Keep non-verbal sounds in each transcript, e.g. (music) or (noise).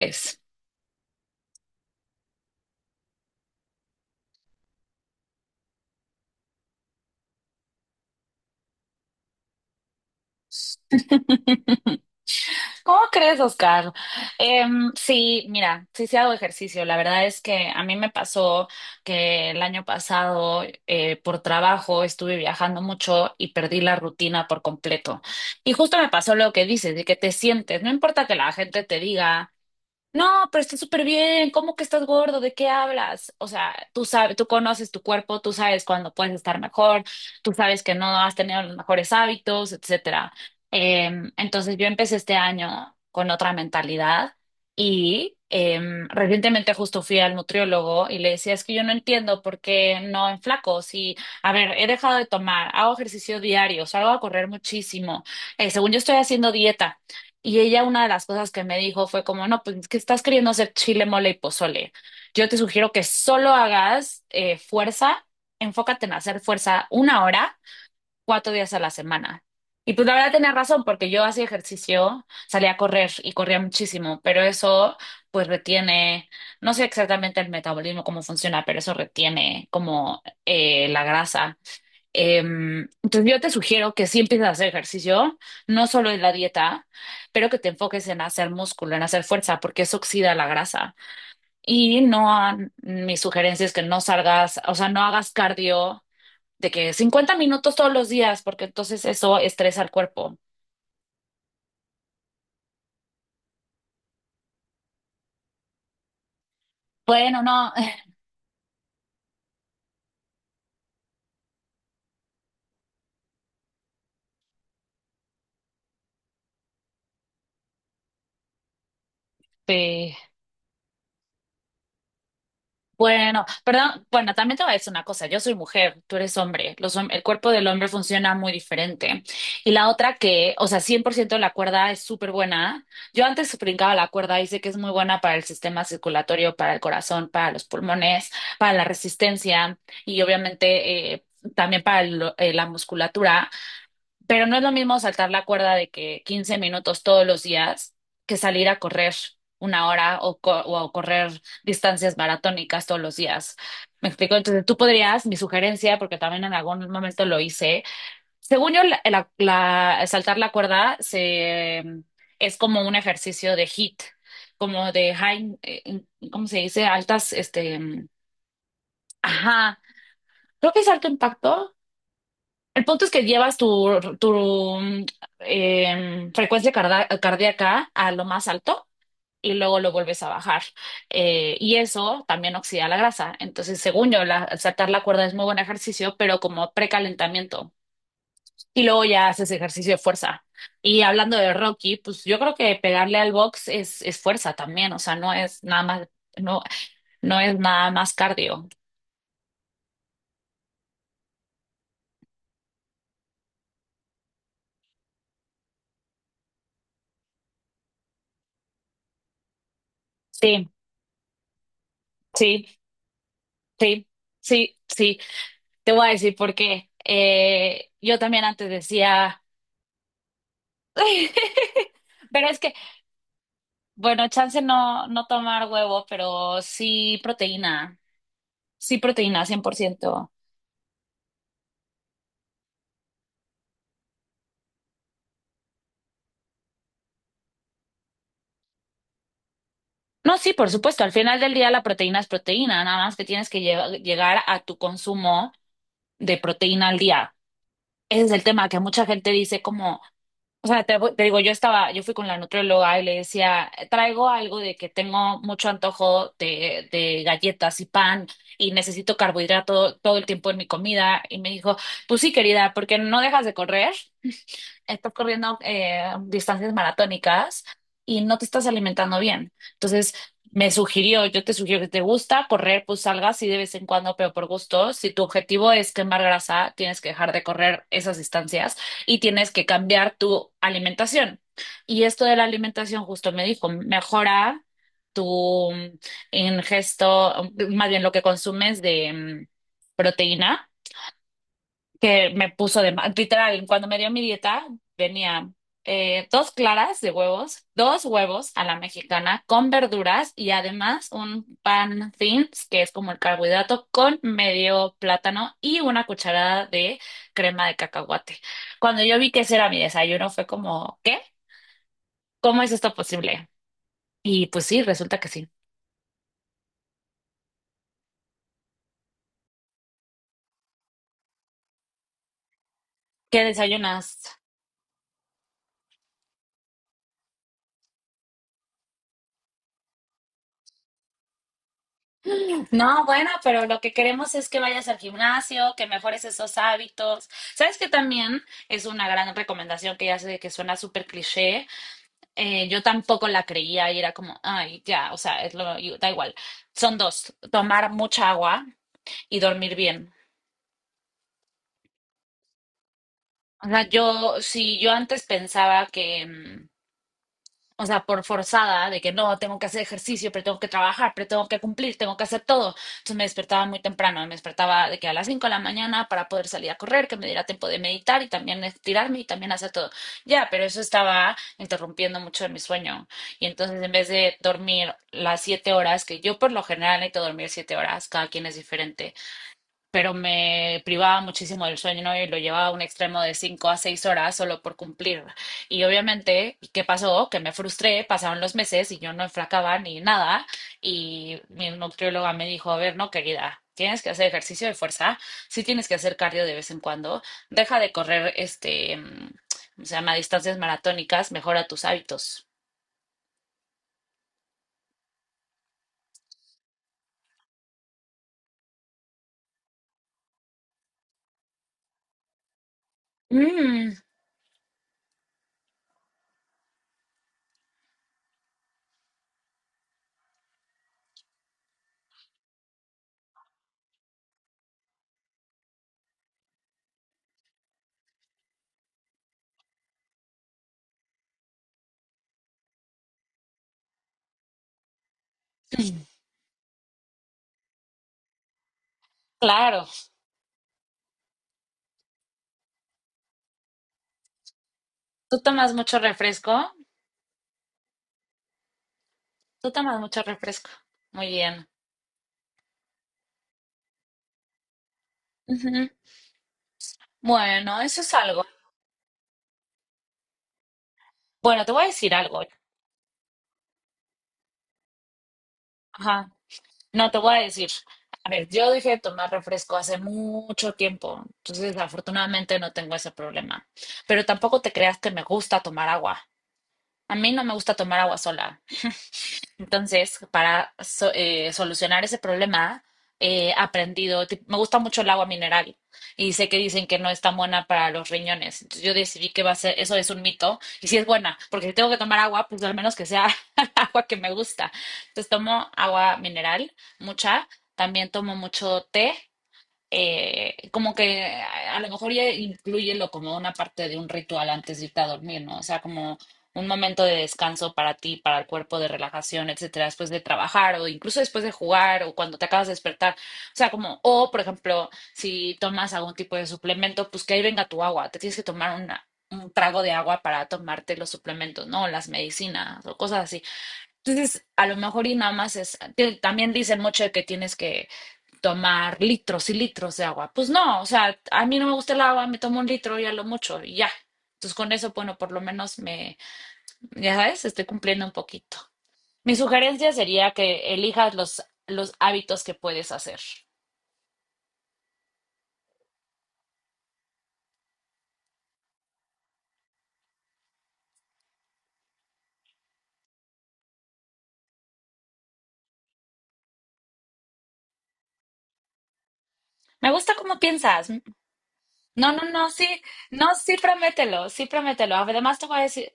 Es. (laughs) ¿Cómo crees, Oscar? Sí, mira, sí, sí hago ejercicio. La verdad es que a mí me pasó que el año pasado por trabajo estuve viajando mucho y perdí la rutina por completo. Y justo me pasó lo que dices, de que te sientes, no importa que la gente te diga. No, pero está súper bien. ¿Cómo que estás gordo? ¿De qué hablas? O sea, tú sabes, tú conoces tu cuerpo, tú sabes cuándo puedes estar mejor, tú sabes que no has tenido los mejores hábitos, etcétera. Entonces yo empecé este año con otra mentalidad y recientemente justo fui al nutriólogo y le decía, es que yo no entiendo por qué no enflaco. Si, a ver, he dejado de tomar, hago ejercicio diario, salgo a correr muchísimo, según yo estoy haciendo dieta. Y ella una de las cosas que me dijo fue como, no, pues que estás queriendo hacer chile, mole y pozole. Yo te sugiero que solo hagas fuerza, enfócate en hacer fuerza una hora, 4 días a la semana. Y pues la verdad tenía razón, porque yo hacía ejercicio, salía a correr y corría muchísimo, pero eso pues retiene, no sé exactamente el metabolismo, cómo funciona, pero eso retiene como la grasa. Entonces yo te sugiero que sí empieces a hacer ejercicio, no solo en la dieta, pero que te enfoques en hacer músculo, en hacer fuerza, porque eso oxida la grasa. Y no, mi sugerencia es que no salgas, o sea, no hagas cardio de que 50 minutos todos los días, porque entonces eso estresa al cuerpo. Bueno, no, (laughs) Bueno, perdón, bueno, también te voy a decir una cosa, yo soy mujer, tú eres hombre, los, el cuerpo del hombre funciona muy diferente. Y la otra que, o sea, 100% la cuerda es súper buena. Yo antes brincaba la cuerda y sé que es muy buena para el sistema circulatorio, para el corazón, para los pulmones, para la resistencia y obviamente también para la musculatura. Pero no es lo mismo saltar la cuerda de que 15 minutos todos los días que salir a correr una hora o correr distancias maratónicas todos los días. ¿Me explico? Entonces tú podrías, mi sugerencia, porque también en algún momento lo hice, según yo, saltar la cuerda es como un ejercicio de HIIT, como de high, ¿cómo se dice? Altas, ajá, creo que es alto impacto, el punto es que llevas tu mm, frecuencia cardíaca a lo más alto y luego lo vuelves a bajar. Y eso también oxida la grasa. Entonces, según yo, la, saltar la cuerda es muy buen ejercicio, pero como precalentamiento. Y luego ya haces ejercicio de fuerza. Y hablando de Rocky, pues yo creo que pegarle al box es fuerza también. O sea, no, no es nada más cardio. Sí, sí, sí, sí, sí. Te voy a decir por qué. Yo también antes decía, (laughs) pero es que, bueno, chance no, tomar huevo, pero sí proteína, 100%. No, sí, por supuesto, al final del día la proteína es proteína, nada más que tienes que llegar a tu consumo de proteína al día. Ese es el tema que mucha gente dice como... O sea, te digo, yo fui con la nutrióloga y le decía, traigo algo de que tengo mucho antojo de, galletas y pan y necesito carbohidrato todo el tiempo en mi comida. Y me dijo, pues sí, querida, porque no dejas de correr estás corriendo distancias maratónicas y no te estás alimentando bien. Entonces, me sugirió, yo te sugiero que te gusta correr, pues salgas y de vez en cuando, pero por gusto. Si tu objetivo es quemar grasa, tienes que dejar de correr esas distancias y tienes que cambiar tu alimentación. Y esto de la alimentación, justo me dijo, mejora tu ingesto, más bien lo que consumes de proteína que me puso de mal. Literal, cuando me dio mi dieta, venía dos claras de huevos, dos huevos a la mexicana con verduras y además un pan thins, que es como el carbohidrato, con medio plátano y una cucharada de crema de cacahuate. Cuando yo vi que ese era mi desayuno, fue como, ¿qué? ¿Cómo es esto posible? Y pues sí, resulta que sí. ¿Qué desayunas? No, bueno, pero lo que queremos es que vayas al gimnasio, que mejores esos hábitos. ¿Sabes que también es una gran recomendación que ya sé que suena súper cliché? Yo tampoco la creía y era como, ay, ya, o sea, es lo, da igual. Son dos, tomar mucha agua y dormir bien. O sea, yo, si yo antes pensaba que, o sea, por forzada de que no, tengo que hacer ejercicio, pero tengo que trabajar, pero tengo que cumplir, tengo que hacer todo. Entonces me despertaba muy temprano, me despertaba de que a las 5 de la mañana para poder salir a correr, que me diera tiempo de meditar y también estirarme y también hacer todo. Ya, pero eso estaba interrumpiendo mucho de mi sueño. Y entonces en vez de dormir las 7 horas, que yo por lo general necesito dormir 7 horas, cada quien es diferente, pero me privaba muchísimo del sueño, ¿no? Y lo llevaba a un extremo de 5 a 6 horas solo por cumplir. Y obviamente, ¿qué pasó? Que me frustré, pasaron los meses y yo no enflacaba ni nada. Y mi nutrióloga me dijo, a ver, no, querida. Tienes que hacer ejercicio de fuerza, sí tienes que hacer cardio de vez en cuando, deja de correr ¿cómo se llama? Distancias maratónicas, mejora tus hábitos. Mm, claro. ¿Tú tomas mucho refresco? ¿Tú tomas mucho refresco? Muy bien. Bueno, eso es algo. Bueno, te voy a decir algo. Ajá. No, te voy a decir. A ver, yo dejé de tomar refresco hace mucho tiempo, entonces afortunadamente no tengo ese problema. Pero tampoco te creas que me gusta tomar agua. A mí no me gusta tomar agua sola. Entonces, para solucionar ese problema, he aprendido, me gusta mucho el agua mineral y sé que dicen que no es tan buena para los riñones. Entonces, yo decidí que va a ser, eso es un mito y sí es buena, porque si tengo que tomar agua, pues al menos que sea (laughs) agua que me gusta. Entonces, tomo agua mineral, mucha. También tomo mucho té como que a lo mejor ya incluyelo como una parte de un ritual antes de irte a dormir, ¿no? O sea, como un momento de descanso para ti, para el cuerpo, de relajación, etcétera, después de trabajar o incluso después de jugar o cuando te acabas de despertar. O sea, como, o por ejemplo, si tomas algún tipo de suplemento, pues que ahí venga tu agua, te tienes que tomar una, un trago de agua para tomarte los suplementos, ¿no? Las medicinas o cosas así. Entonces, a lo mejor y nada más es, también dicen mucho de que tienes que tomar litros y litros de agua. Pues no, o sea, a mí no me gusta el agua, me tomo un litro y a lo mucho y ya. Entonces con eso, bueno, por lo menos me, ya sabes, estoy cumpliendo un poquito. Mi sugerencia sería que elijas los hábitos que puedes hacer. Me gusta cómo piensas. No, no, no, sí, no, sí, promételo, sí, promételo. Además te voy a decir,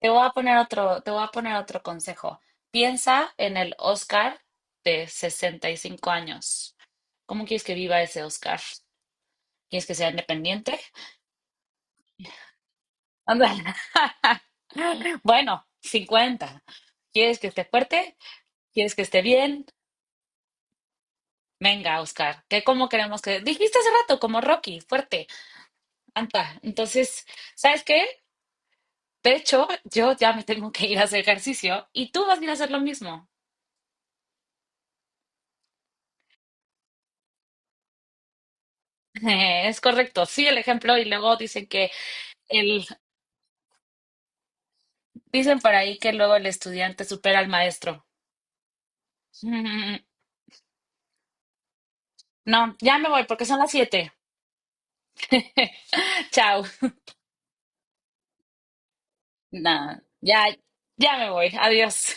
te voy a poner otro, te voy a poner otro consejo. Piensa en el Oscar de 65 años. ¿Cómo quieres que viva ese Oscar? ¿Quieres que sea independiente? Ándale. (laughs) Bueno, 50. ¿Quieres que esté fuerte? ¿Quieres que esté bien? Venga, Oscar, ¿qué cómo queremos que...? Dijiste hace rato, como Rocky, fuerte, anda. Entonces, ¿sabes qué? De hecho, yo ya me tengo que ir a hacer ejercicio y tú vas a ir a hacer lo mismo. (laughs) Es correcto, sí, el ejemplo. Y luego dicen que el... Dicen por ahí que luego el estudiante supera al maestro. (laughs) No, ya me voy porque son las 7. (laughs) Chao. Nada, ya, ya me voy. Adiós.